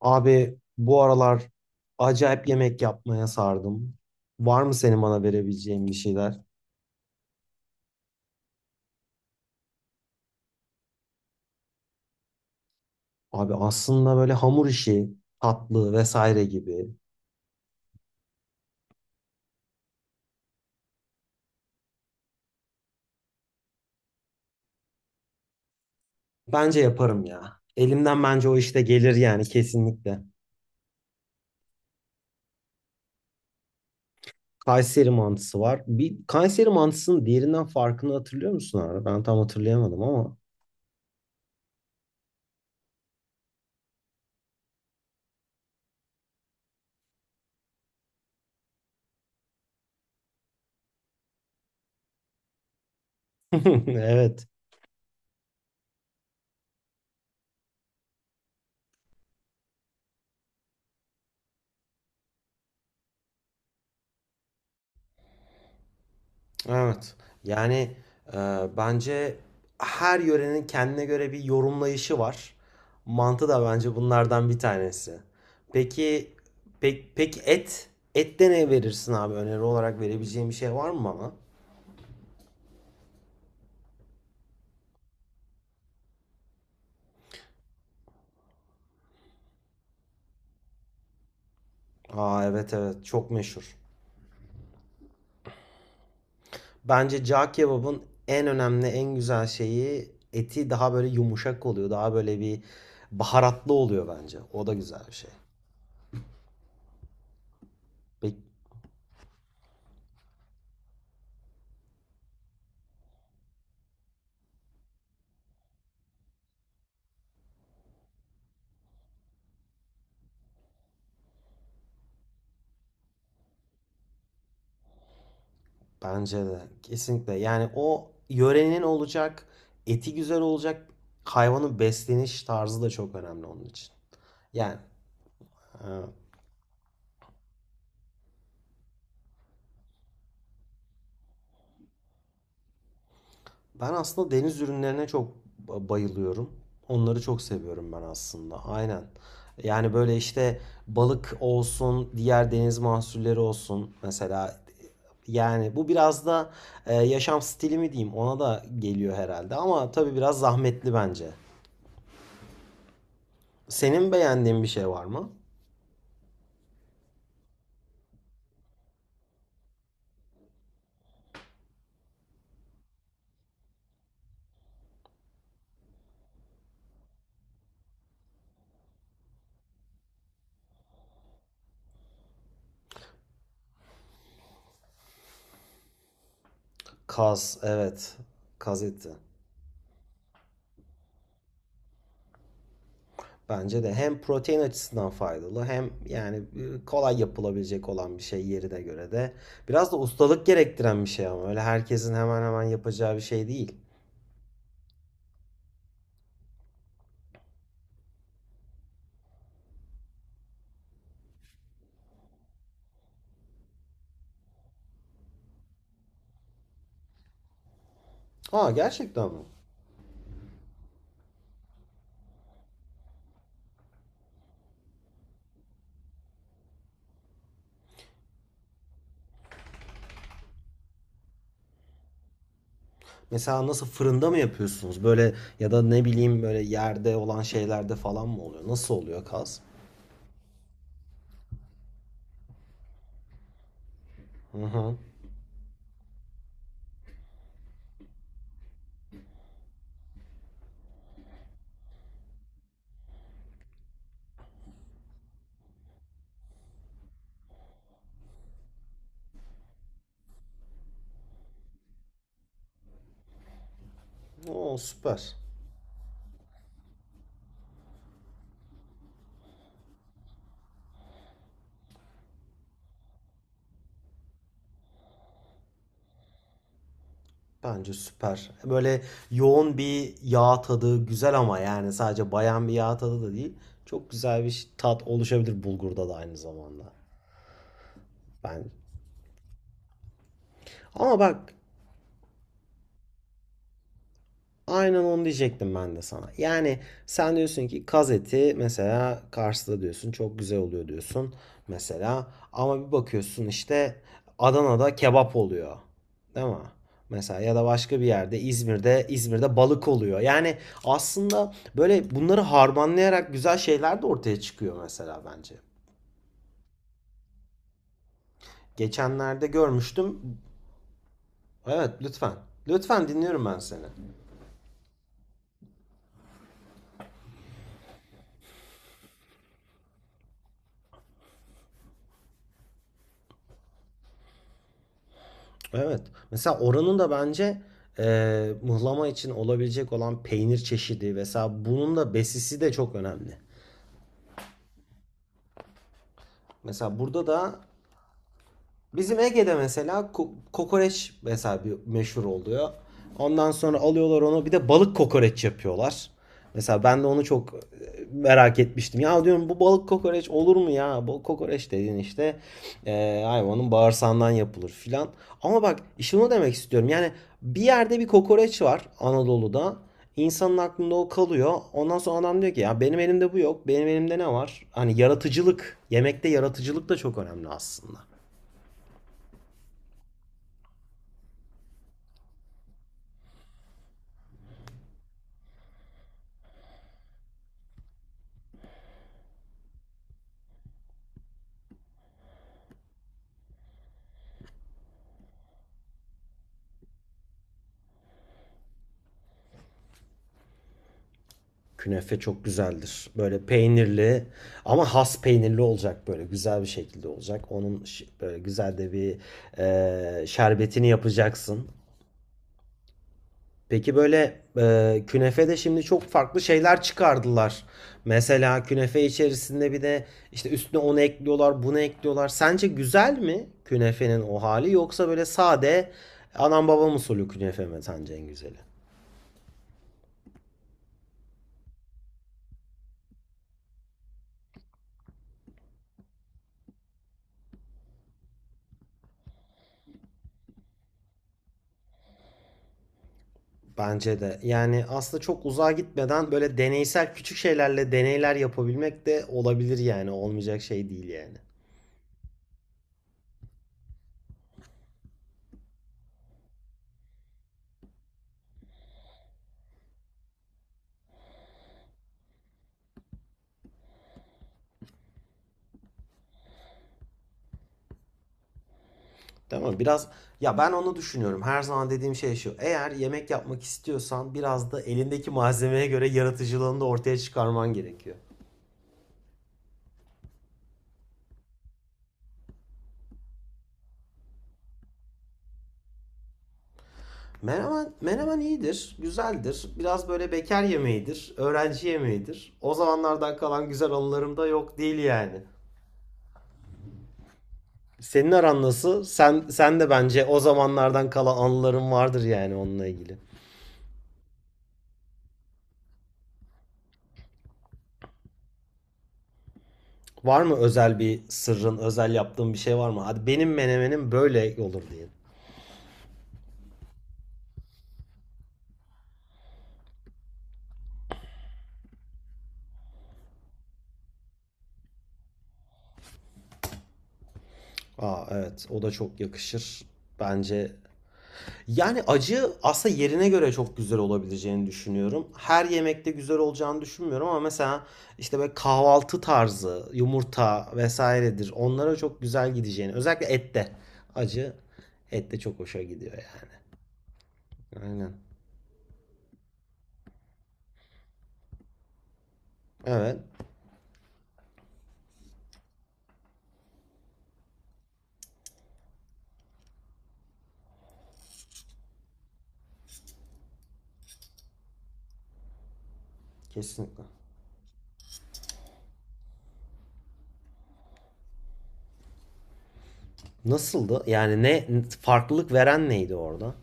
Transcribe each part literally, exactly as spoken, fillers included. Abi bu aralar acayip yemek yapmaya sardım. Var mı senin bana verebileceğin bir şeyler? Abi aslında böyle hamur işi, tatlı vesaire gibi. Bence yaparım ya. Elimden bence o işte gelir yani kesinlikle. Kayseri mantısı var. Bir Kayseri mantısının diğerinden farkını hatırlıyor musun abi? Ben tam hatırlayamadım ama. Evet. Evet. Yani e, bence her yörenin kendine göre bir yorumlayışı var. Mantı da bence bunlardan bir tanesi. Peki pek peki et ette ne verirsin abi? Öneri olarak verebileceğim bir şey var mı bana? Aa evet, evet, çok meşhur. Bence cağ kebabın en önemli en güzel şeyi eti daha böyle yumuşak oluyor. Daha böyle bir baharatlı oluyor bence. O da güzel bir şey. Peki. Bence de kesinlikle. Yani o yörenin olacak, eti güzel olacak, hayvanın besleniş tarzı da çok önemli onun için. Yani e, ben aslında deniz ürünlerine çok bayılıyorum. Onları çok seviyorum ben aslında. Aynen. Yani böyle işte balık olsun, diğer deniz mahsulleri olsun. Mesela yani bu biraz da e, yaşam stili mi diyeyim ona da geliyor herhalde. Ama tabii biraz zahmetli bence. Senin beğendiğin bir şey var mı? Kaz, evet. Kaz eti. Bence de hem protein açısından faydalı hem yani e, kolay yapılabilecek olan bir şey yerine göre de. Biraz da ustalık gerektiren bir şey ama öyle herkesin hemen hemen yapacağı bir şey değil. Aa gerçekten mi? Mesela nasıl fırında mı yapıyorsunuz? Böyle ya da ne bileyim böyle yerde olan şeylerde falan mı oluyor? Nasıl oluyor kaz? Hı hı. Oo süper. Bence süper. Böyle yoğun bir yağ tadı güzel ama yani sadece bayan bir yağ tadı da değil. Çok güzel bir tat oluşabilir bulgurda da aynı zamanda. Ben. Ama bak, aynen onu diyecektim ben de sana. Yani sen diyorsun ki kaz eti mesela Kars'ta diyorsun çok güzel oluyor diyorsun mesela, ama bir bakıyorsun işte Adana'da kebap oluyor. Değil mi? Mesela ya da başka bir yerde İzmir'de, İzmir'de balık oluyor. Yani aslında böyle bunları harmanlayarak güzel şeyler de ortaya çıkıyor mesela bence. Geçenlerde görmüştüm. Evet, lütfen. Lütfen dinliyorum ben seni. Evet. Mesela oranın da bence eee mıhlama için olabilecek olan peynir çeşidi. Mesela bunun da besisi de çok önemli. Mesela burada da bizim Ege'de mesela kokoreç mesela bir meşhur oluyor. Ondan sonra alıyorlar onu bir de balık kokoreç yapıyorlar. Mesela ben de onu çok e, merak etmiştim. Ya diyorum bu balık kokoreç olur mu ya? Balık kokoreç dediğin işte e, hayvanın bağırsağından yapılır filan. Ama bak şunu demek istiyorum. Yani bir yerde bir kokoreç var Anadolu'da. İnsanın aklında o kalıyor. Ondan sonra adam diyor ki ya benim elimde bu yok. Benim elimde ne var? Hani yaratıcılık. Yemekte yaratıcılık da çok önemli aslında. Künefe çok güzeldir. Böyle peynirli ama has peynirli olacak, böyle güzel bir şekilde olacak. Onun ş- böyle güzel de bir e, şerbetini yapacaksın. Peki böyle e, künefede şimdi çok farklı şeyler çıkardılar. Mesela künefe içerisinde bir de işte üstüne onu ekliyorlar, bunu ekliyorlar. Sence güzel mi künefenin o hali, yoksa böyle sade anam babam usulü künefe mi sence en güzeli? Bence de. Yani aslında çok uzağa gitmeden böyle deneysel küçük şeylerle deneyler yapabilmek de olabilir yani. Olmayacak şey değil yani. Değil mi? Biraz, ya ben onu düşünüyorum. Her zaman dediğim şey şu: eğer yemek yapmak istiyorsan biraz da elindeki malzemeye göre yaratıcılığını da ortaya çıkarman gerekiyor. Menemen, menemen iyidir, güzeldir. Biraz böyle bekar yemeğidir, öğrenci yemeğidir. O zamanlardan kalan güzel anılarım da yok değil yani. Senin aran nasıl? Sen sen de bence o zamanlardan kala anıların vardır yani onunla ilgili. Var mı özel bir sırrın, özel yaptığın bir şey var mı? Hadi benim menemenim böyle olur diye. Aa evet, o da çok yakışır bence. Yani acı aslında yerine göre çok güzel olabileceğini düşünüyorum. Her yemekte güzel olacağını düşünmüyorum ama mesela işte böyle kahvaltı tarzı, yumurta vesairedir. Onlara çok güzel gideceğini. Özellikle ette. Acı ette çok hoşa gidiyor yani. Aynen. Evet. Kesinlikle. Nasıldı? Yani ne farklılık veren neydi orada?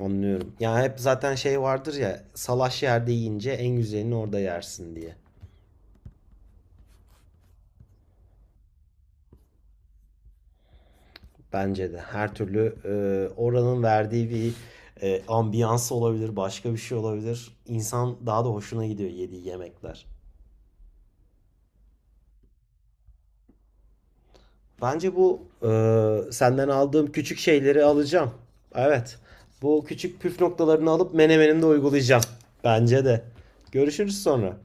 Anlıyorum. Yani hep zaten şey vardır ya, salaş yerde yiyince en güzelini orada yersin diye. Bence de. Her türlü e, oranın verdiği bir e, ambiyans olabilir, başka bir şey olabilir. İnsan daha da hoşuna gidiyor yediği yemekler. Bence bu e, senden aldığım küçük şeyleri alacağım. Evet. Bu küçük püf noktalarını alıp menemenimde uygulayacağım. Bence de. Görüşürüz sonra.